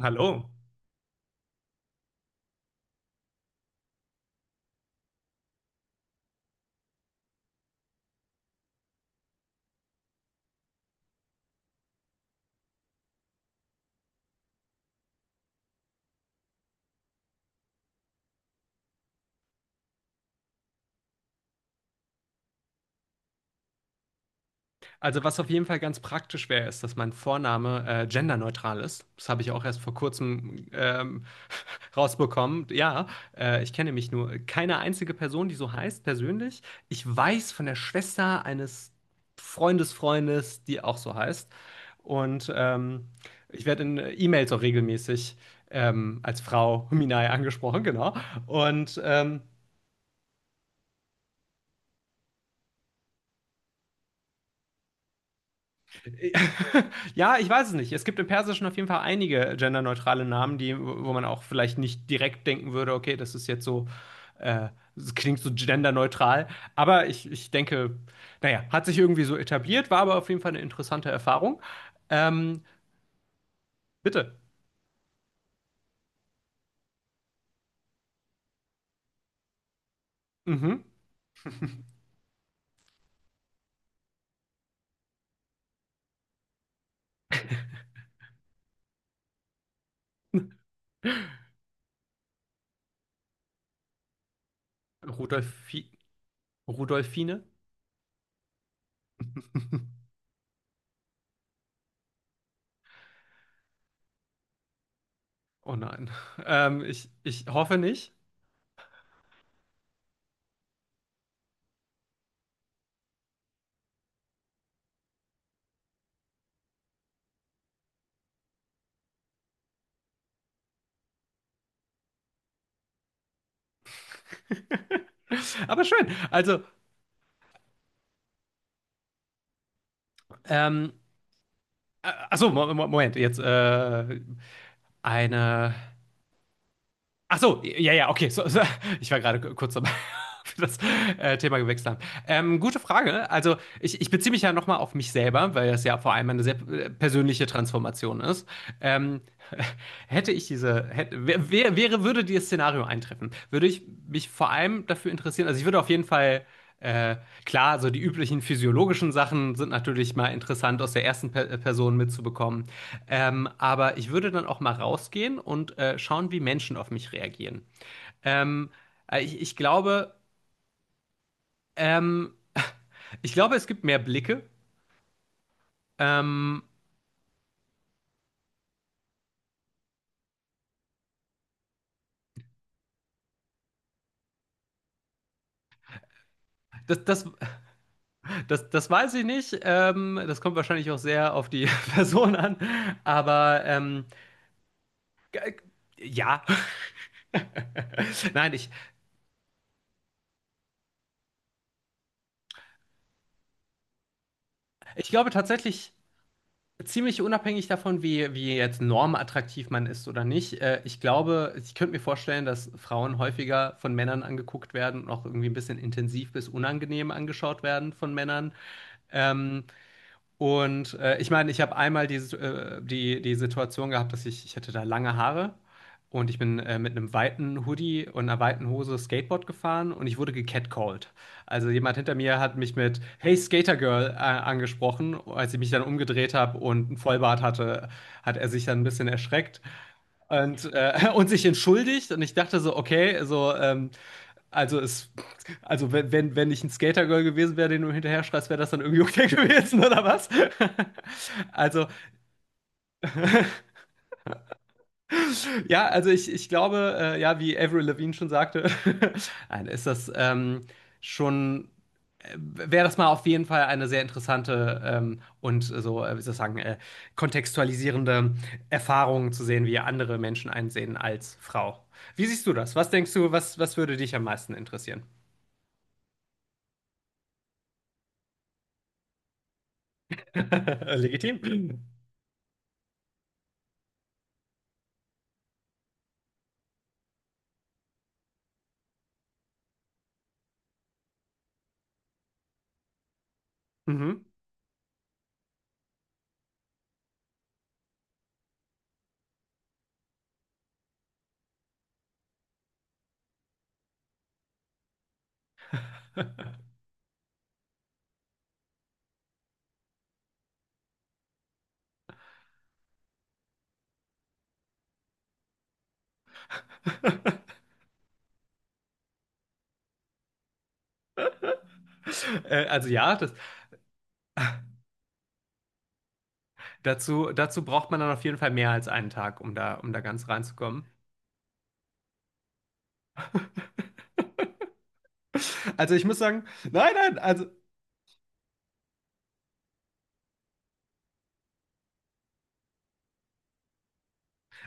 Hallo. Also was auf jeden Fall ganz praktisch wäre, ist, dass mein Vorname genderneutral ist. Das habe ich auch erst vor kurzem rausbekommen. Ja, ich kenne mich nur keine einzige Person, die so heißt, persönlich. Ich weiß von der Schwester eines Freundesfreundes, die auch so heißt. Und ähm, ich werde in E-Mails auch regelmäßig als Frau Minai angesprochen, genau. Und ähm, Ja, ich weiß es nicht. Es gibt im Persischen auf jeden Fall einige genderneutrale Namen, die, wo man auch vielleicht nicht direkt denken würde, okay, das ist jetzt so, äh, das klingt so genderneutral. Aber ich denke, naja, hat sich irgendwie so etabliert, war aber auf jeden Fall eine interessante Erfahrung. Ähm, bitte. Mhm. Rudolfi, Rudolfine? Oh nein. Ähm, ich hoffe nicht. Aber schön. Also, ähm, achso, Moment, jetzt eine. Achso, ja, ja, okay. Ich war gerade kurz dabei, ob das Thema gewechselt haben. Gute Frage, ne? Also, ich beziehe mich ja nochmal auf mich selber, weil das ja vor allem eine sehr persönliche Transformation ist. Ähm, hätte ich diese, hätte, wär, wär- wäre, würde dieses Szenario eintreffen, würde ich mich vor allem dafür interessieren. Also, ich würde auf jeden Fall äh, klar, so die üblichen physiologischen Sachen sind natürlich mal interessant aus der ersten Person mitzubekommen. Aber ich würde dann auch mal rausgehen und schauen, wie Menschen auf mich reagieren. Ähm, äh, ich, ich glaube, ähm, ich glaube, es gibt mehr Blicke. Ähm, das, das, das weiß ich nicht. Das kommt wahrscheinlich auch sehr auf die Person an. Aber ähm, g- ja. Nein, ich glaube tatsächlich, ziemlich unabhängig davon, wie jetzt normattraktiv man ist oder nicht. Ich glaube ich könnte mir vorstellen, dass Frauen häufiger von Männern angeguckt werden und auch irgendwie ein bisschen intensiv bis unangenehm angeschaut werden von Männern. Ähm, ich meine, ich habe einmal die Situation gehabt, dass ich hatte da lange Haare und ich bin mit einem weiten Hoodie und einer weiten Hose Skateboard gefahren und ich wurde gecatcalled. Also jemand hinter mir hat mich mit „Hey Skater Girl" angesprochen. Als ich mich dann umgedreht habe und einen Vollbart hatte, hat er sich dann ein bisschen erschreckt. Und sich entschuldigt. Und ich dachte so, okay, so also, es, also wenn, wenn ich ein Skatergirl gewesen wäre, den du hinterher schreist, wäre das dann irgendwie okay gewesen, oder was? also, ja, also ich glaube, ja, wie Avril Lavigne schon sagte, nein, schon, wäre das mal auf jeden Fall eine sehr interessante wie soll ich sagen, kontextualisierende Erfahrung zu sehen, wie andere Menschen einsehen als Frau. Wie siehst du das? Was denkst du, was würde dich am meisten interessieren? Legitim. Mhm. Also ja, dazu braucht man dann auf jeden Fall mehr als einen Tag, um da ganz reinzukommen. Also ich muss sagen, nein, nein, also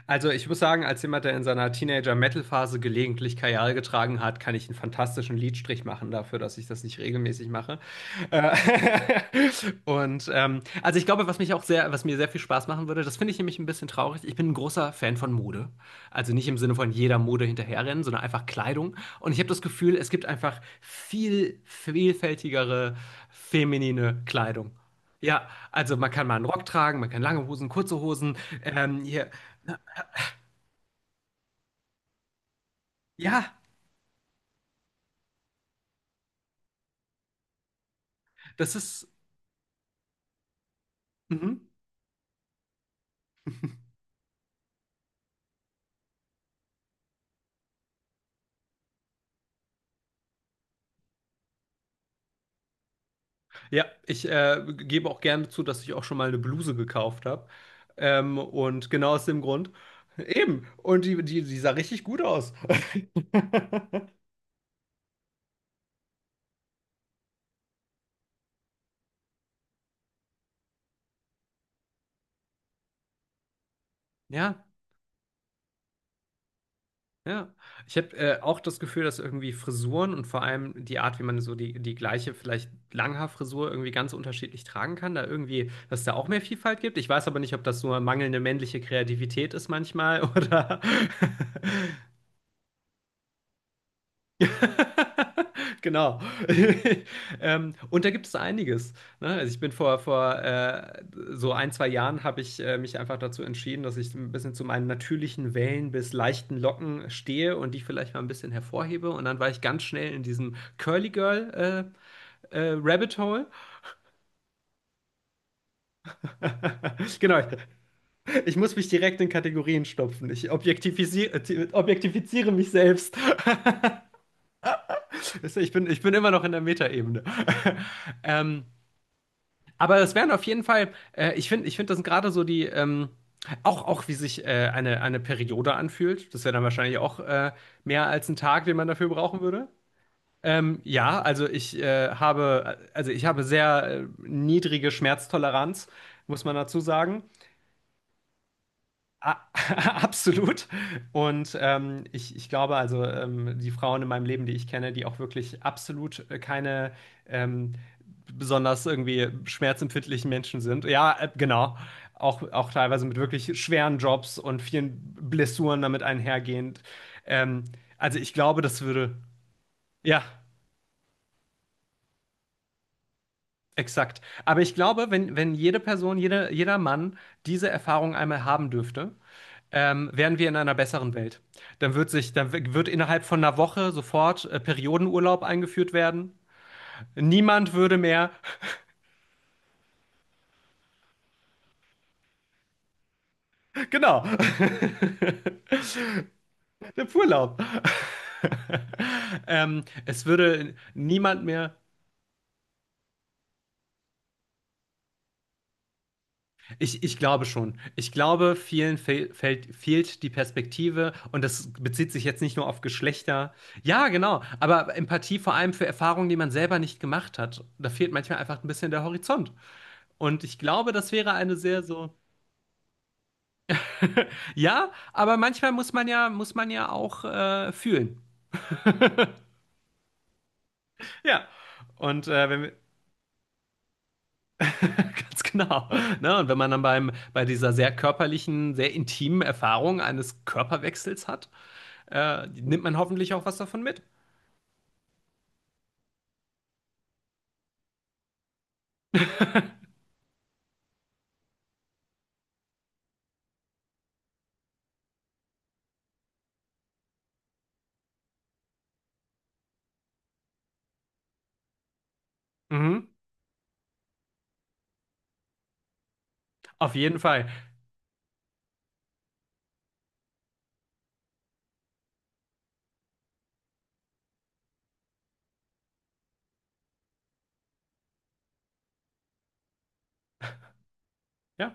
Also ich muss sagen, als jemand, der in seiner Teenager-Metal-Phase gelegentlich Kajal getragen hat, kann ich einen fantastischen Liedstrich machen dafür, dass ich das nicht regelmäßig mache. Äh, also ich glaube, was mir sehr viel Spaß machen würde, das finde ich nämlich ein bisschen traurig. Ich bin ein großer Fan von Mode. Also nicht im Sinne von jeder Mode hinterherrennen, sondern einfach Kleidung. Und ich habe das Gefühl, es gibt einfach viel vielfältigere feminine Kleidung. Ja, also man kann mal einen Rock tragen, man kann lange Hosen, kurze Hosen, hier ja, das ist. Mhm. Ja, ich gebe auch gerne zu, dass ich auch schon mal eine Bluse gekauft habe. Und genau aus dem Grund. Eben. Und die sah richtig gut aus. Ja, ja. Ich habe auch das Gefühl, dass irgendwie Frisuren und vor allem die Art, wie man so die gleiche, vielleicht Langhaarfrisur irgendwie ganz unterschiedlich tragen kann, da irgendwie, dass es da auch mehr Vielfalt gibt. Ich weiß aber nicht, ob das nur mangelnde männliche Kreativität ist manchmal oder. Genau. Und da gibt es einiges. Ne? Also ich bin vor, vor so ein, zwei Jahren habe ich mich einfach dazu entschieden, dass ich ein bisschen zu meinen natürlichen Wellen bis leichten Locken stehe und die vielleicht mal ein bisschen hervorhebe. Und dann war ich ganz schnell in diesem Curly Girl Rabbit Hole. Genau. Ich muss mich direkt in Kategorien stopfen. Ich objektivisiere, objektifiziere mich selbst. Ich bin immer noch in der Metaebene. Ähm, aber das wären auf jeden Fall, ich finde, das sind gerade so die, auch wie sich eine Periode anfühlt. Das wäre dann wahrscheinlich auch mehr als ein Tag, den man dafür brauchen würde. Ja, also ich habe sehr niedrige Schmerztoleranz, muss man dazu sagen. A- Absolut. Und ich glaube, die Frauen in meinem Leben, die ich kenne, die auch wirklich absolut keine ähm, besonders irgendwie schmerzempfindlichen Menschen sind. Ja, genau. Auch teilweise mit wirklich schweren Jobs und vielen Blessuren damit einhergehend. Ähm, also ich glaube, das würde. Ja. Exakt. Aber ich glaube, wenn jede Person, jeder Mann diese Erfahrung einmal haben dürfte, wären wir in einer besseren Welt. Dann wird sich, dann w- wird innerhalb von einer Woche sofort Periodenurlaub eingeführt werden. Niemand würde mehr, genau, der Urlaub. Es würde niemand mehr ich glaube schon. Ich glaube, fehlt die Perspektive und das bezieht sich jetzt nicht nur auf Geschlechter. Ja, genau, aber Empathie vor allem für Erfahrungen, die man selber nicht gemacht hat. Da fehlt manchmal einfach ein bisschen der Horizont. Und ich glaube, das wäre eine sehr so. Ja, aber manchmal muss man ja auch fühlen. Ja. Und wenn wir, ganz genau. Ne? Und wenn man dann bei dieser sehr körperlichen, sehr intimen Erfahrung eines Körperwechsels hat, nimmt man hoffentlich auch was davon mit. Mhm. Auf jeden Fall. Ja,